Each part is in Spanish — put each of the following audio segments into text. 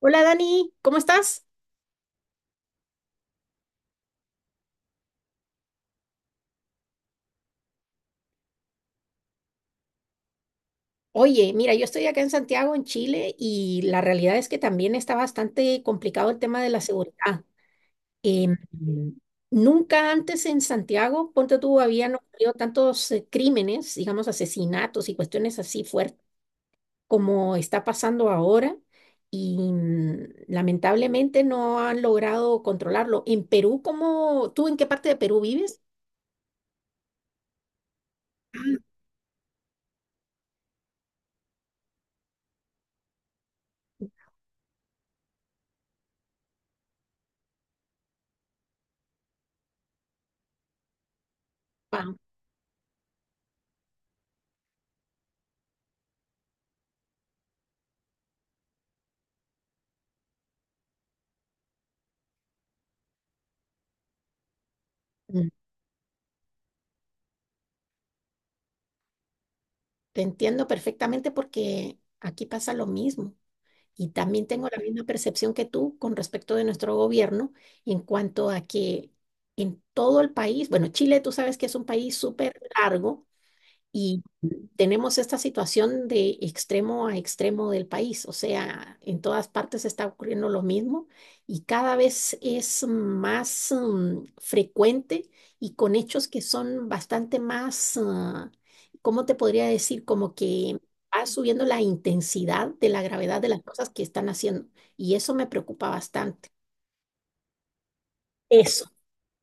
Hola Dani, ¿cómo estás? Oye, mira, yo estoy acá en Santiago, en Chile, y la realidad es que también está bastante complicado el tema de la seguridad. Em, Nunca antes en Santiago, ponte tú, habían ocurrido tantos crímenes, digamos, asesinatos y cuestiones así fuertes como está pasando ahora, y lamentablemente no han logrado controlarlo. En Perú, ¿cómo, tú en qué parte de Perú vives? Ah, wow. Te entiendo perfectamente porque aquí pasa lo mismo. Y también tengo la misma percepción que tú con respecto de nuestro gobierno en cuanto a que en todo el país, bueno, Chile tú sabes que es un país súper largo y tenemos esta situación de extremo a extremo del país, o sea, en todas partes está ocurriendo lo mismo y cada vez es más frecuente y con hechos que son bastante más, ah, ¿cómo te podría decir? Como que va subiendo la intensidad de la gravedad de las cosas que están haciendo y eso me preocupa bastante. Eso.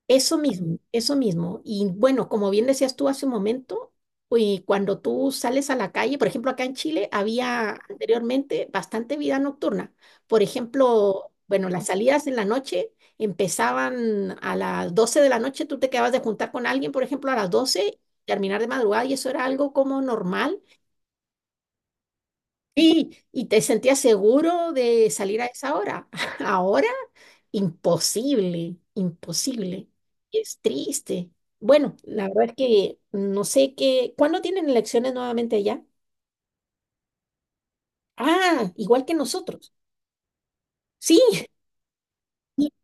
Eso mismo, eso mismo. Y bueno, como bien decías tú hace un momento, cuando tú sales a la calle, por ejemplo, acá en Chile había anteriormente bastante vida nocturna. Por ejemplo, bueno, las salidas en la noche empezaban a las 12 de la noche, tú te quedabas de juntar con alguien, por ejemplo, a las 12, terminar de madrugada y eso era algo como normal. Sí, y te sentías seguro de salir a esa hora. Ahora, imposible, imposible. Es triste. Bueno, la verdad es que no sé qué. ¿Cuándo tienen elecciones nuevamente allá? Ah, igual que nosotros. Sí.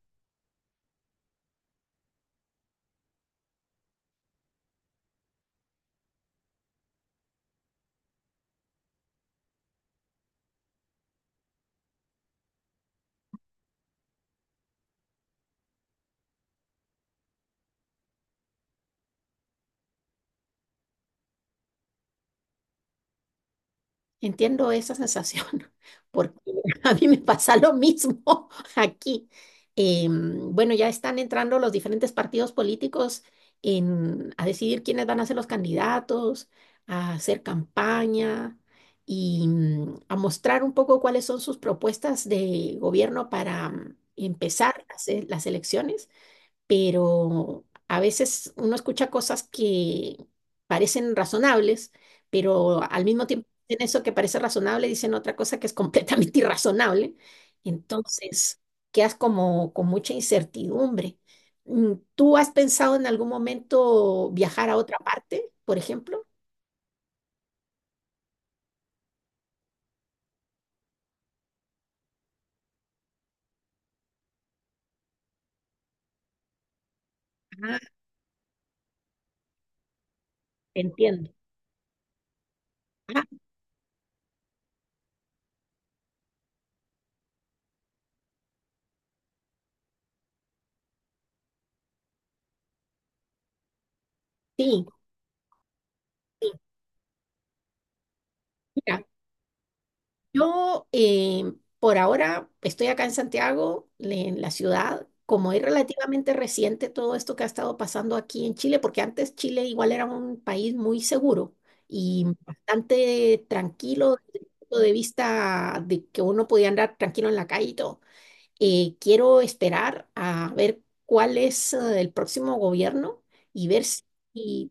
Entiendo esa sensación, porque a mí me pasa lo mismo aquí. Bueno, ya están entrando los diferentes partidos políticos en, a decidir quiénes van a ser los candidatos, a hacer campaña y a mostrar un poco cuáles son sus propuestas de gobierno para empezar las elecciones, pero a veces uno escucha cosas que parecen razonables, pero al mismo tiempo en eso que parece razonable dicen otra cosa que es completamente irrazonable. Entonces, quedas como con mucha incertidumbre. ¿Tú has pensado en algún momento viajar a otra parte, por ejemplo? Ah, te entiendo. Ah, sí, sí. Mira, yo por ahora estoy acá en Santiago, en la ciudad, como es relativamente reciente todo esto que ha estado pasando aquí en Chile, porque antes Chile igual era un país muy seguro y bastante tranquilo desde el punto de vista de que uno podía andar tranquilo en la calle y todo. Quiero esperar a ver cuál es el próximo gobierno y ver si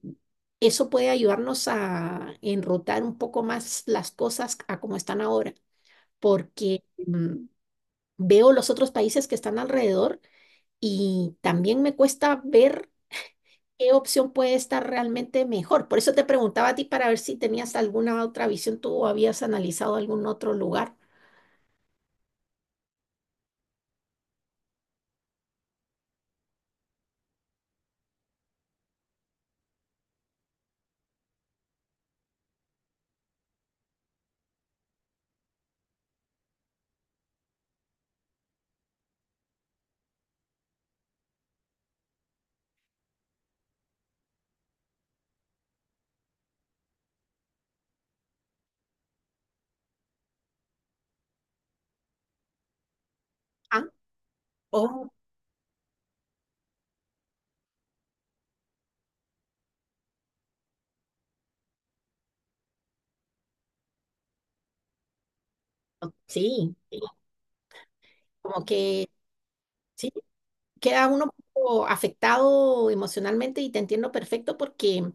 eso puede ayudarnos a enrutar un poco más las cosas a como están ahora porque veo los otros países que están alrededor y también me cuesta ver qué opción puede estar realmente mejor. Por eso te preguntaba a ti para ver si tenías alguna otra visión, tú habías analizado algún otro lugar. Ah, oh, sí, sí, como que sí, queda uno un poco afectado emocionalmente y te entiendo perfecto porque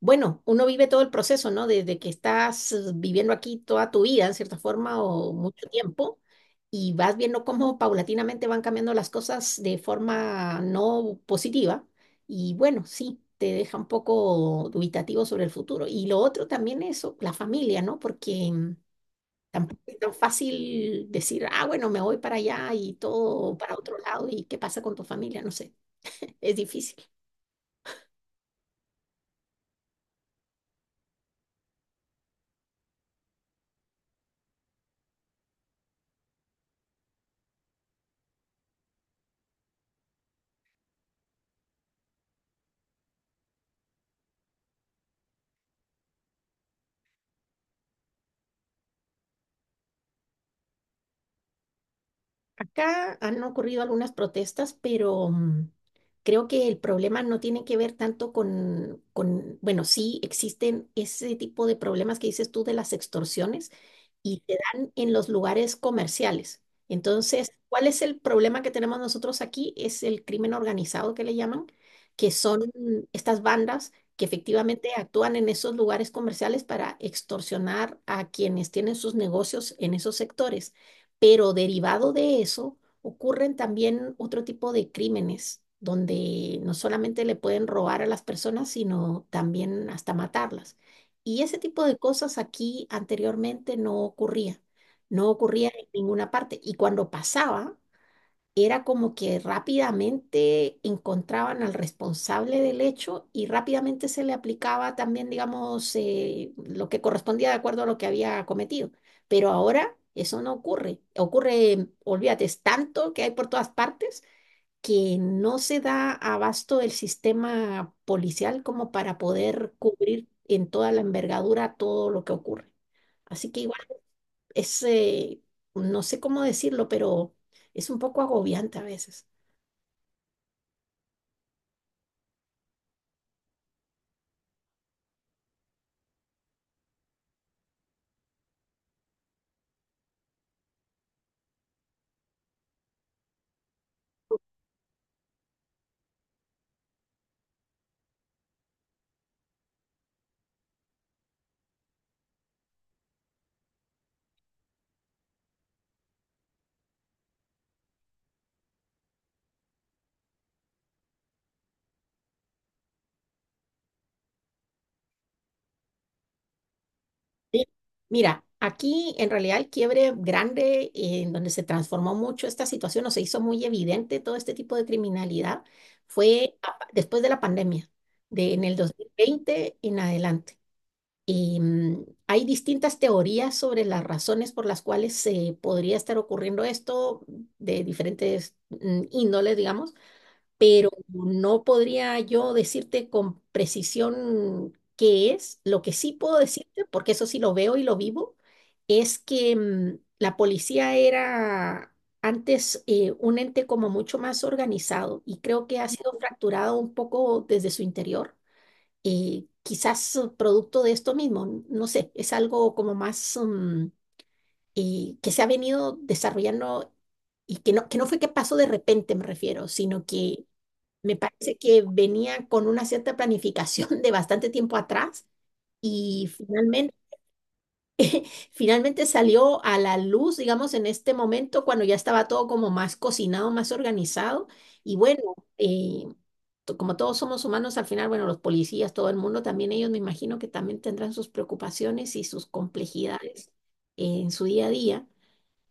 bueno, uno vive todo el proceso, ¿no? Desde que estás viviendo aquí toda tu vida, en cierta forma, o mucho tiempo, y vas viendo cómo paulatinamente van cambiando las cosas de forma no positiva. Y bueno, sí, te deja un poco dubitativo sobre el futuro. Y lo otro también es la familia, ¿no? Porque tampoco es tan fácil decir, ah, bueno, me voy para allá y todo para otro lado, y qué pasa con tu familia, no sé, es difícil. Acá han ocurrido algunas protestas, pero creo que el problema no tiene que ver tanto con, bueno, sí existen ese tipo de problemas que dices tú de las extorsiones y se dan en los lugares comerciales. Entonces, ¿cuál es el problema que tenemos nosotros aquí? Es el crimen organizado que le llaman, que son estas bandas que efectivamente actúan en esos lugares comerciales para extorsionar a quienes tienen sus negocios en esos sectores. Pero derivado de eso, ocurren también otro tipo de crímenes, donde no solamente le pueden robar a las personas, sino también hasta matarlas. Y ese tipo de cosas aquí anteriormente no ocurría, no ocurría en ninguna parte. Y cuando pasaba, era como que rápidamente encontraban al responsable del hecho y rápidamente se le aplicaba también, digamos, lo que correspondía de acuerdo a lo que había cometido. Pero ahora eso no ocurre. Ocurre, olvídate, es tanto que hay por todas partes que no se da abasto el sistema policial como para poder cubrir en toda la envergadura todo lo que ocurre. Así que igual es, no sé cómo decirlo, pero es un poco agobiante a veces. Sí, mira, aquí en realidad el quiebre grande en donde se transformó mucho esta situación o se hizo muy evidente todo este tipo de criminalidad fue después de la pandemia, de, en el 2020 en adelante. Y hay distintas teorías sobre las razones por las cuales se podría estar ocurriendo esto de diferentes índoles, digamos, pero no podría yo decirte con precisión qué es. Lo que sí puedo decirte, porque eso sí lo veo y lo vivo, es que la policía era antes un ente como mucho más organizado y creo que ha sido fracturado un poco desde su interior. Quizás producto de esto mismo, no sé, es algo como más que se ha venido desarrollando y que no fue que pasó de repente, me refiero, sino que me parece que venía con una cierta planificación de bastante tiempo atrás y finalmente, finalmente salió a la luz, digamos, en este momento cuando ya estaba todo como más cocinado, más organizado. Y bueno, eh, como todos somos humanos, al final, bueno, los policías, todo el mundo, también ellos me imagino que también tendrán sus preocupaciones y sus complejidades en su día a día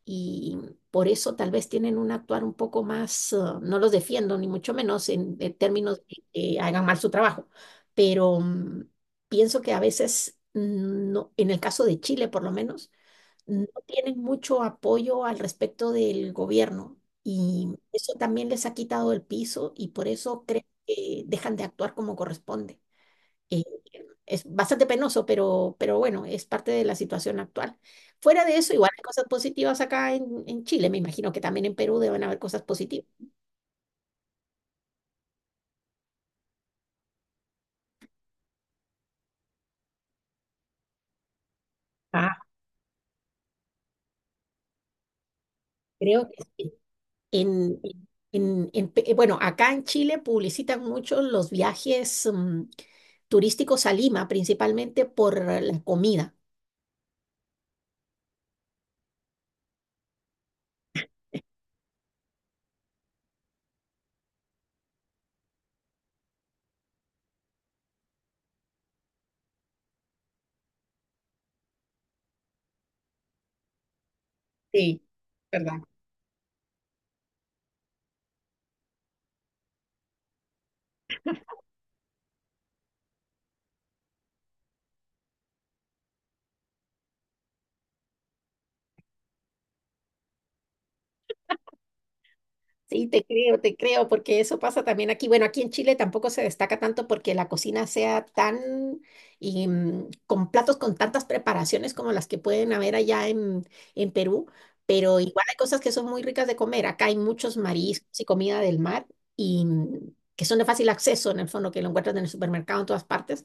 y por eso tal vez tienen un actuar un poco más, ah, no los defiendo ni mucho menos en términos de que hagan mal su trabajo, pero pienso que a veces, mm, no, en el caso de Chile por lo menos, no tienen mucho apoyo al respecto del gobierno y eso también les ha quitado el piso y por eso creo que dejan de actuar como corresponde. Eh, es bastante penoso, pero bueno, es parte de la situación actual. Fuera de eso, igual hay cosas positivas acá en Chile. Me imagino que también en Perú deben haber cosas positivas. Ah, creo que sí. En, en bueno, acá en Chile publicitan mucho los viajes turísticos a Lima, principalmente por la comida. Sí, verdad. Sí, te creo, porque eso pasa también aquí. Bueno, aquí en Chile tampoco se destaca tanto porque la cocina sea tan y, con platos con tantas preparaciones como las que pueden haber allá en Perú, pero igual hay cosas que son muy ricas de comer. Acá hay muchos mariscos y comida del mar y que son de fácil acceso, en el fondo, que lo encuentras en el supermercado en todas partes.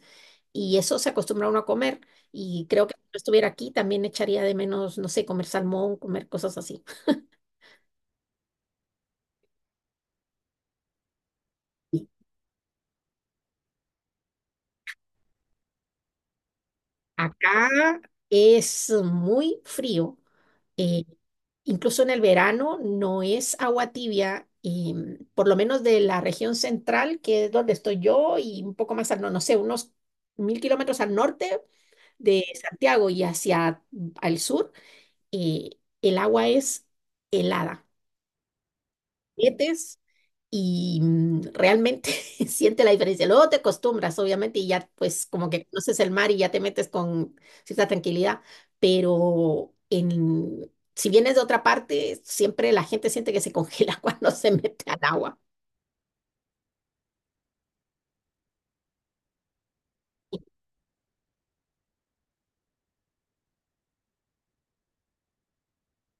Y eso se acostumbra uno a comer. Y creo que si no estuviera aquí también echaría de menos, no sé, comer salmón, comer cosas así. Acá es muy frío, eh, incluso en el verano no es agua tibia, y, por lo menos de la región central, que es donde estoy yo, y un poco más al, no, no sé, unos 1000 kilómetros al norte de Santiago y hacia al sur, eh, el agua es helada. Metes y realmente siente la diferencia. Luego te acostumbras, obviamente, y ya pues como que conoces el mar y ya te metes con cierta tranquilidad, pero en, si vienes de otra parte, siempre la gente siente que se congela cuando se mete al agua.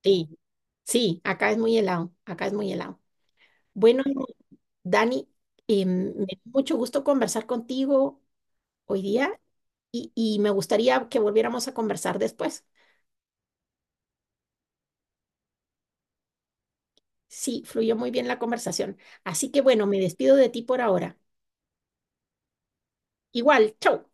Sí, sí, acá es muy helado, acá es muy helado. Bueno, Dani, me dio mucho gusto conversar contigo hoy día y me gustaría que volviéramos a conversar después. Sí, fluyó muy bien la conversación. Así que bueno, me despido de ti por ahora. Igual, chau.